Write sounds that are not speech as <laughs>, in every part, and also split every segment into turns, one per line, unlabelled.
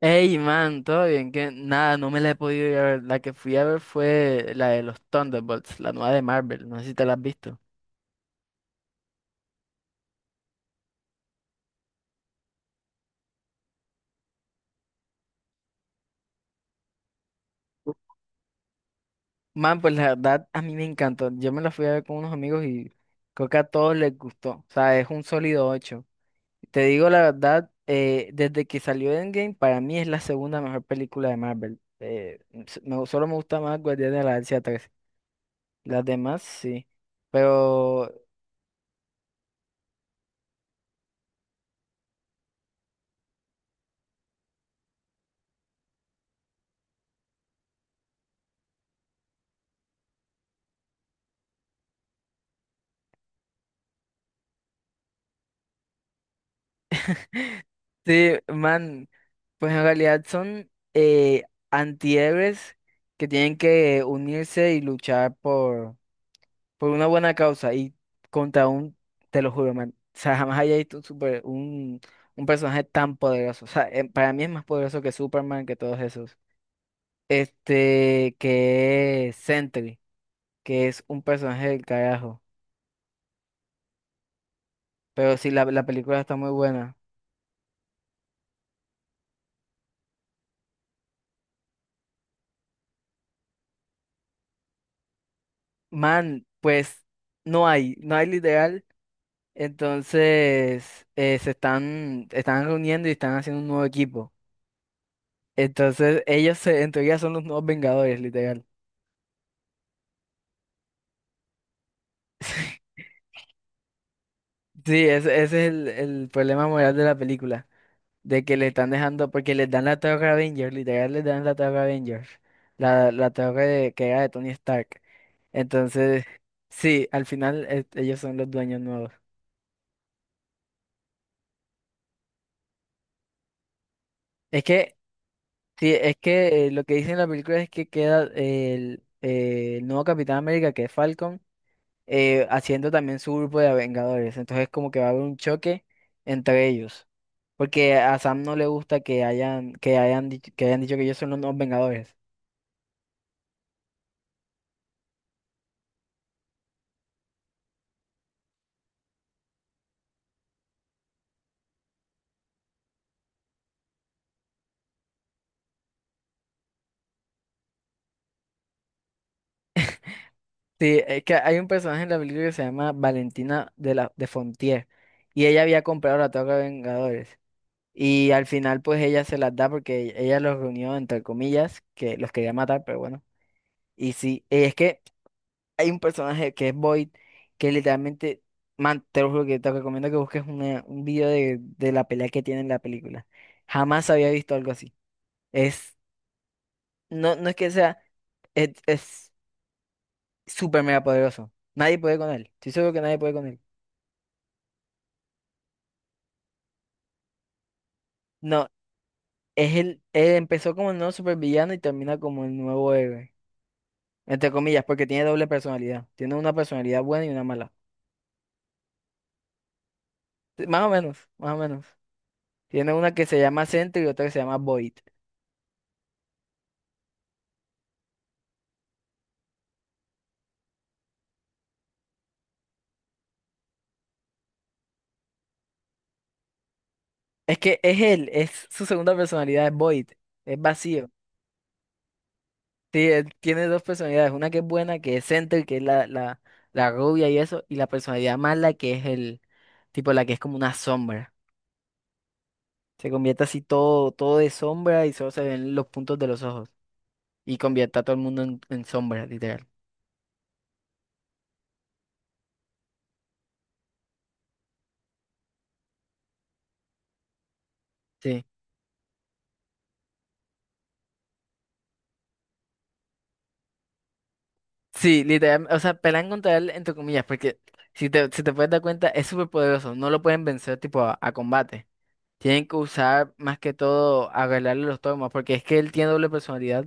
Ey, man, todo bien, que nada, no me la he podido ir a ver. La que fui a ver fue la de los Thunderbolts, la nueva de Marvel. No sé si te la has visto. Man, pues la verdad, a mí me encantó. Yo me la fui a ver con unos amigos y creo que a todos les gustó. O sea, es un sólido 8. Te digo la verdad, desde que salió Endgame, para mí es la segunda mejor película de Marvel. Solo me gusta más Guardianes de la Galaxia 3. Las demás, sí. Pero, sí, man. Pues en realidad son antihéroes que tienen que unirse y luchar por una buena causa y contra te lo juro, man, o sea, jamás había visto un personaje tan poderoso. O sea, para mí es más poderoso que Superman, que todos esos. Este, que es Sentry, que es un personaje del carajo. Pero sí, la película está muy buena. Man, pues no hay literal. Entonces, están reuniendo y están haciendo un nuevo equipo. Entonces, en teoría son los nuevos Vengadores, literal. <laughs> Sí, ese es el problema moral de la película. De que le están dejando, porque les dan la Torre Avengers, literal les dan la Torre Avengers. La torre que era de Tony Stark. Entonces, sí, al final ellos son los dueños nuevos. Es que, sí, es que lo que dice en la película es que queda el nuevo Capitán América, que es Falcon. Haciendo también su grupo de Vengadores. Entonces como que va a haber un choque entre ellos. Porque a Sam no le gusta que hayan dicho que ellos son los nuevos Vengadores. Sí, es que hay un personaje en la película que se llama Valentina de la de Fontier. Y ella había comprado la toca de Vengadores. Y al final, pues ella se las da porque ella los reunió, entre comillas, que los quería matar, pero bueno. Y sí, es que hay un personaje que es Void, que literalmente, man, te lo juro que te recomiendo que busques un video de la pelea que tiene en la película. Jamás había visto algo así. Es, no, no es que sea, es súper mega poderoso. Nadie puede con él. Estoy seguro que nadie puede con él. No, es él empezó como el nuevo supervillano y termina como el nuevo héroe. Entre comillas, porque tiene doble personalidad. Tiene una personalidad buena y una mala. Más o menos, más o menos. Tiene una que se llama Sentry y otra que se llama Void. Es que es él, es su segunda personalidad, es Void, es vacío. Sí, él tiene dos personalidades, una que es buena, que es Center, que es la rubia y eso, y la personalidad mala, que es el tipo, la que es como una sombra. Se convierte así todo, todo de sombra y solo se ven los puntos de los ojos. Y convierte a todo el mundo en sombra, literal. Sí. Sí, literal, o sea, pelean contra él, entre comillas, porque si te puedes dar cuenta, es súper poderoso, no lo pueden vencer tipo a combate. Tienen que usar más que todo arreglarle los traumas, porque es que él tiene doble personalidad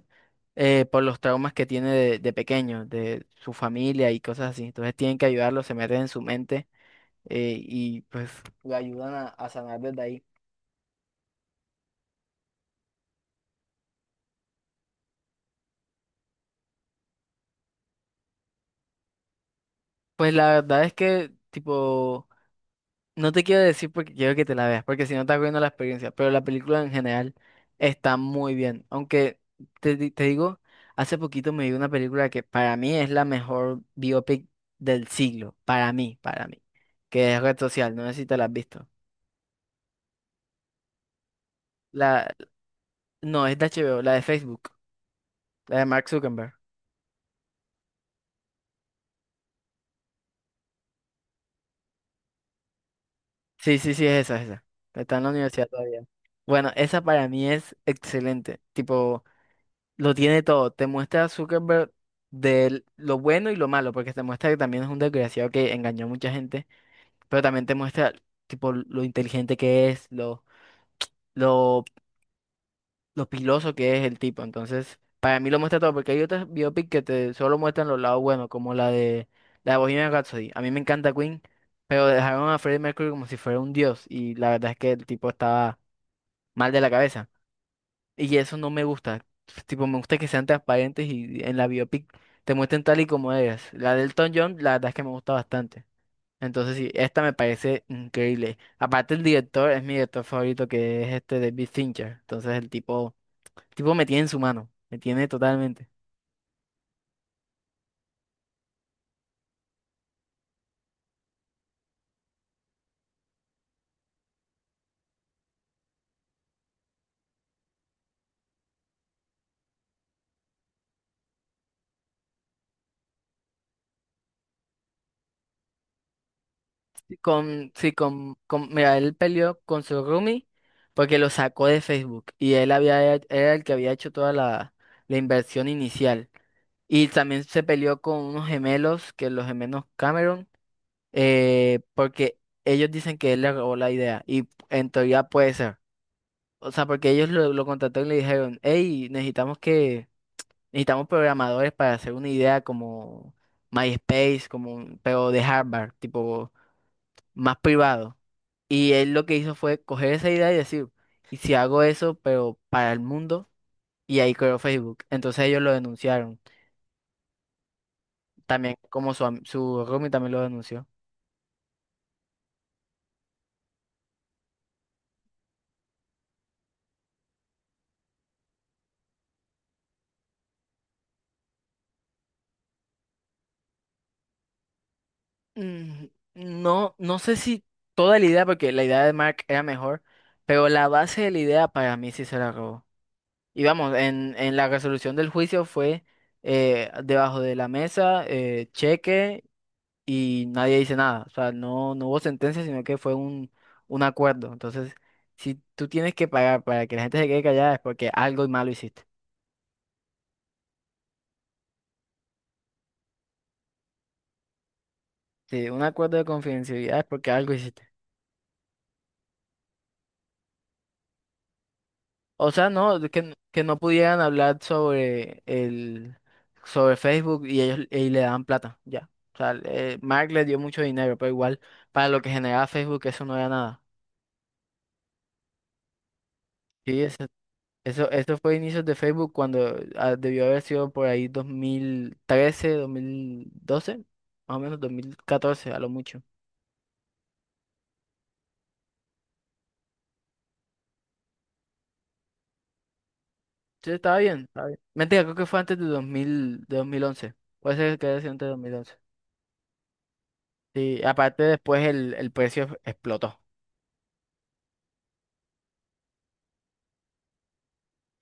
por los traumas que tiene de pequeño, de su familia y cosas así. Entonces tienen que ayudarlo, se meten en su mente y pues lo ayudan a sanar desde ahí. Pues la verdad es que tipo, no te quiero decir porque quiero que te la veas, porque si no estás viendo la experiencia, pero la película en general está muy bien. Aunque te digo, hace poquito me vi una película que para mí es la mejor biopic del siglo, para mí, que es Red Social, no sé si te la has visto. La, no, es de HBO, la de Facebook, la de Mark Zuckerberg. Sí, sí, sí, es esa, es esa. Está en la universidad todavía. Bueno, esa para mí es excelente. Tipo, lo tiene todo. Te muestra a Zuckerberg de lo bueno y lo malo, porque te muestra que también es un desgraciado que engañó a mucha gente, pero también te muestra tipo lo inteligente que es, lo, lo piloso que es el tipo. Entonces, para mí lo muestra todo, porque hay otras biopic que te solo muestran los lados buenos, como la de Bohemian Rhapsody. A mí me encanta Queen, pero dejaron a Freddie Mercury como si fuera un dios, y la verdad es que el tipo estaba mal de la cabeza. Y eso no me gusta. Tipo, me gusta que sean transparentes y en la biopic te muestren tal y como eres. La de Elton John, la verdad es que me gusta bastante. Entonces, sí, esta me parece increíble. Aparte, el director es mi director favorito, que es este David Fincher. Entonces, el tipo me tiene en su mano. Me tiene totalmente. Sí, mira, él peleó con su roomie porque lo sacó de Facebook. Y era el que había hecho toda la inversión inicial. Y también se peleó con unos gemelos, que los gemelos Cameron, porque ellos dicen que él le robó la idea. Y en teoría puede ser. O sea, porque ellos lo contrataron y le dijeron, hey, necesitamos necesitamos programadores para hacer una idea como MySpace, como pero de Harvard, tipo más privado. Y él lo que hizo fue coger esa idea y decir, ¿y si hago eso, pero para el mundo? Y ahí creó Facebook. Entonces ellos lo denunciaron. También como su roomie también lo denunció. Mm, No, no sé si toda la idea, porque la idea de Mark era mejor, pero la base de la idea para mí sí se la robó. Y vamos, en la resolución del juicio fue debajo de la mesa, cheque y nadie dice nada. O sea, no, no hubo sentencia, sino que fue un acuerdo. Entonces, si tú tienes que pagar para que la gente se quede callada es porque algo malo hiciste. Si un acuerdo de confidencialidad es porque algo hiciste. O sea, no, de que, que no pudieran hablar sobre sobre Facebook y ellos y le daban plata, ya. O sea, Mark le dio mucho dinero, pero igual para lo que generaba Facebook eso no era nada. Sí, eso fue inicios de Facebook cuando debió haber sido por ahí 2013, 2012, más o menos 2014 a lo mucho. Sí, estaba bien, estaba bien. Mentira, creo que fue antes de 2000, de 2011, puede ser que haya sido antes de 2011. Sí, aparte después el precio explotó.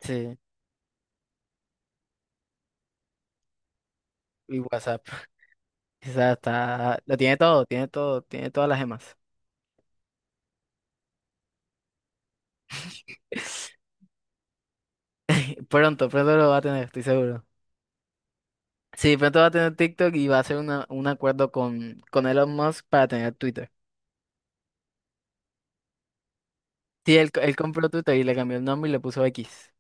Sí. Y WhatsApp. <laughs> Esa está, lo tiene todo, tiene todo, tiene todas las gemas. <laughs> Pronto, pronto lo va a tener, estoy seguro. Sí, pronto va a tener TikTok y va a hacer un acuerdo con Elon Musk para tener Twitter. Sí, él compró Twitter y le cambió el nombre y le puso X.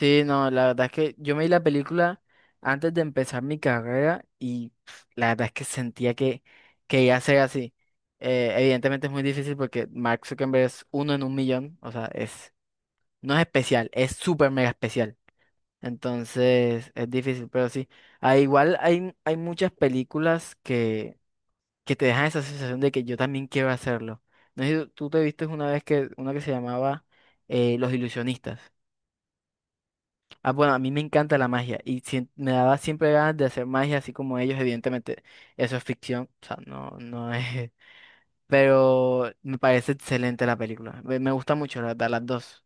Sí, no, la verdad es que yo me vi la película antes de empezar mi carrera y pf, la verdad es que sentía que iba a ser así. Evidentemente es muy difícil porque Mark Zuckerberg es uno en un millón, o sea, no es especial, es súper mega especial. Entonces es difícil, pero sí. Ah, igual hay muchas películas que te dejan esa sensación de que yo también quiero hacerlo. No sé si tú te viste una vez que una que se llamaba Los Ilusionistas. Ah, bueno, a mí me encanta la magia y me daba siempre ganas de hacer magia así como ellos, evidentemente. Eso es ficción, o sea, no, no es. <laughs> Pero me parece excelente la película. Me gusta mucho, la verdad, las dos.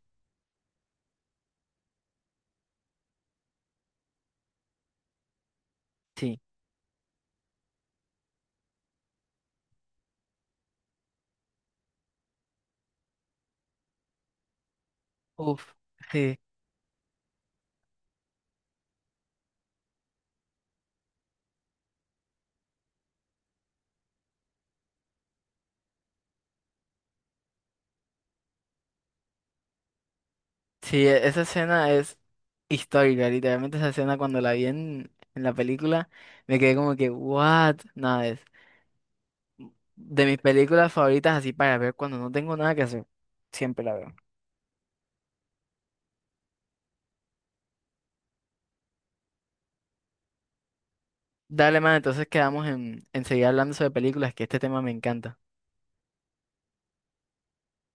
Sí. Uf. Sí. Sí, esa escena es histórica, literalmente esa escena cuando la vi en la película, me quedé como que, what, nada, es de mis películas favoritas así para ver cuando no tengo nada que hacer, siempre la veo. Dale, man, entonces quedamos en seguir hablando sobre películas, que este tema me encanta.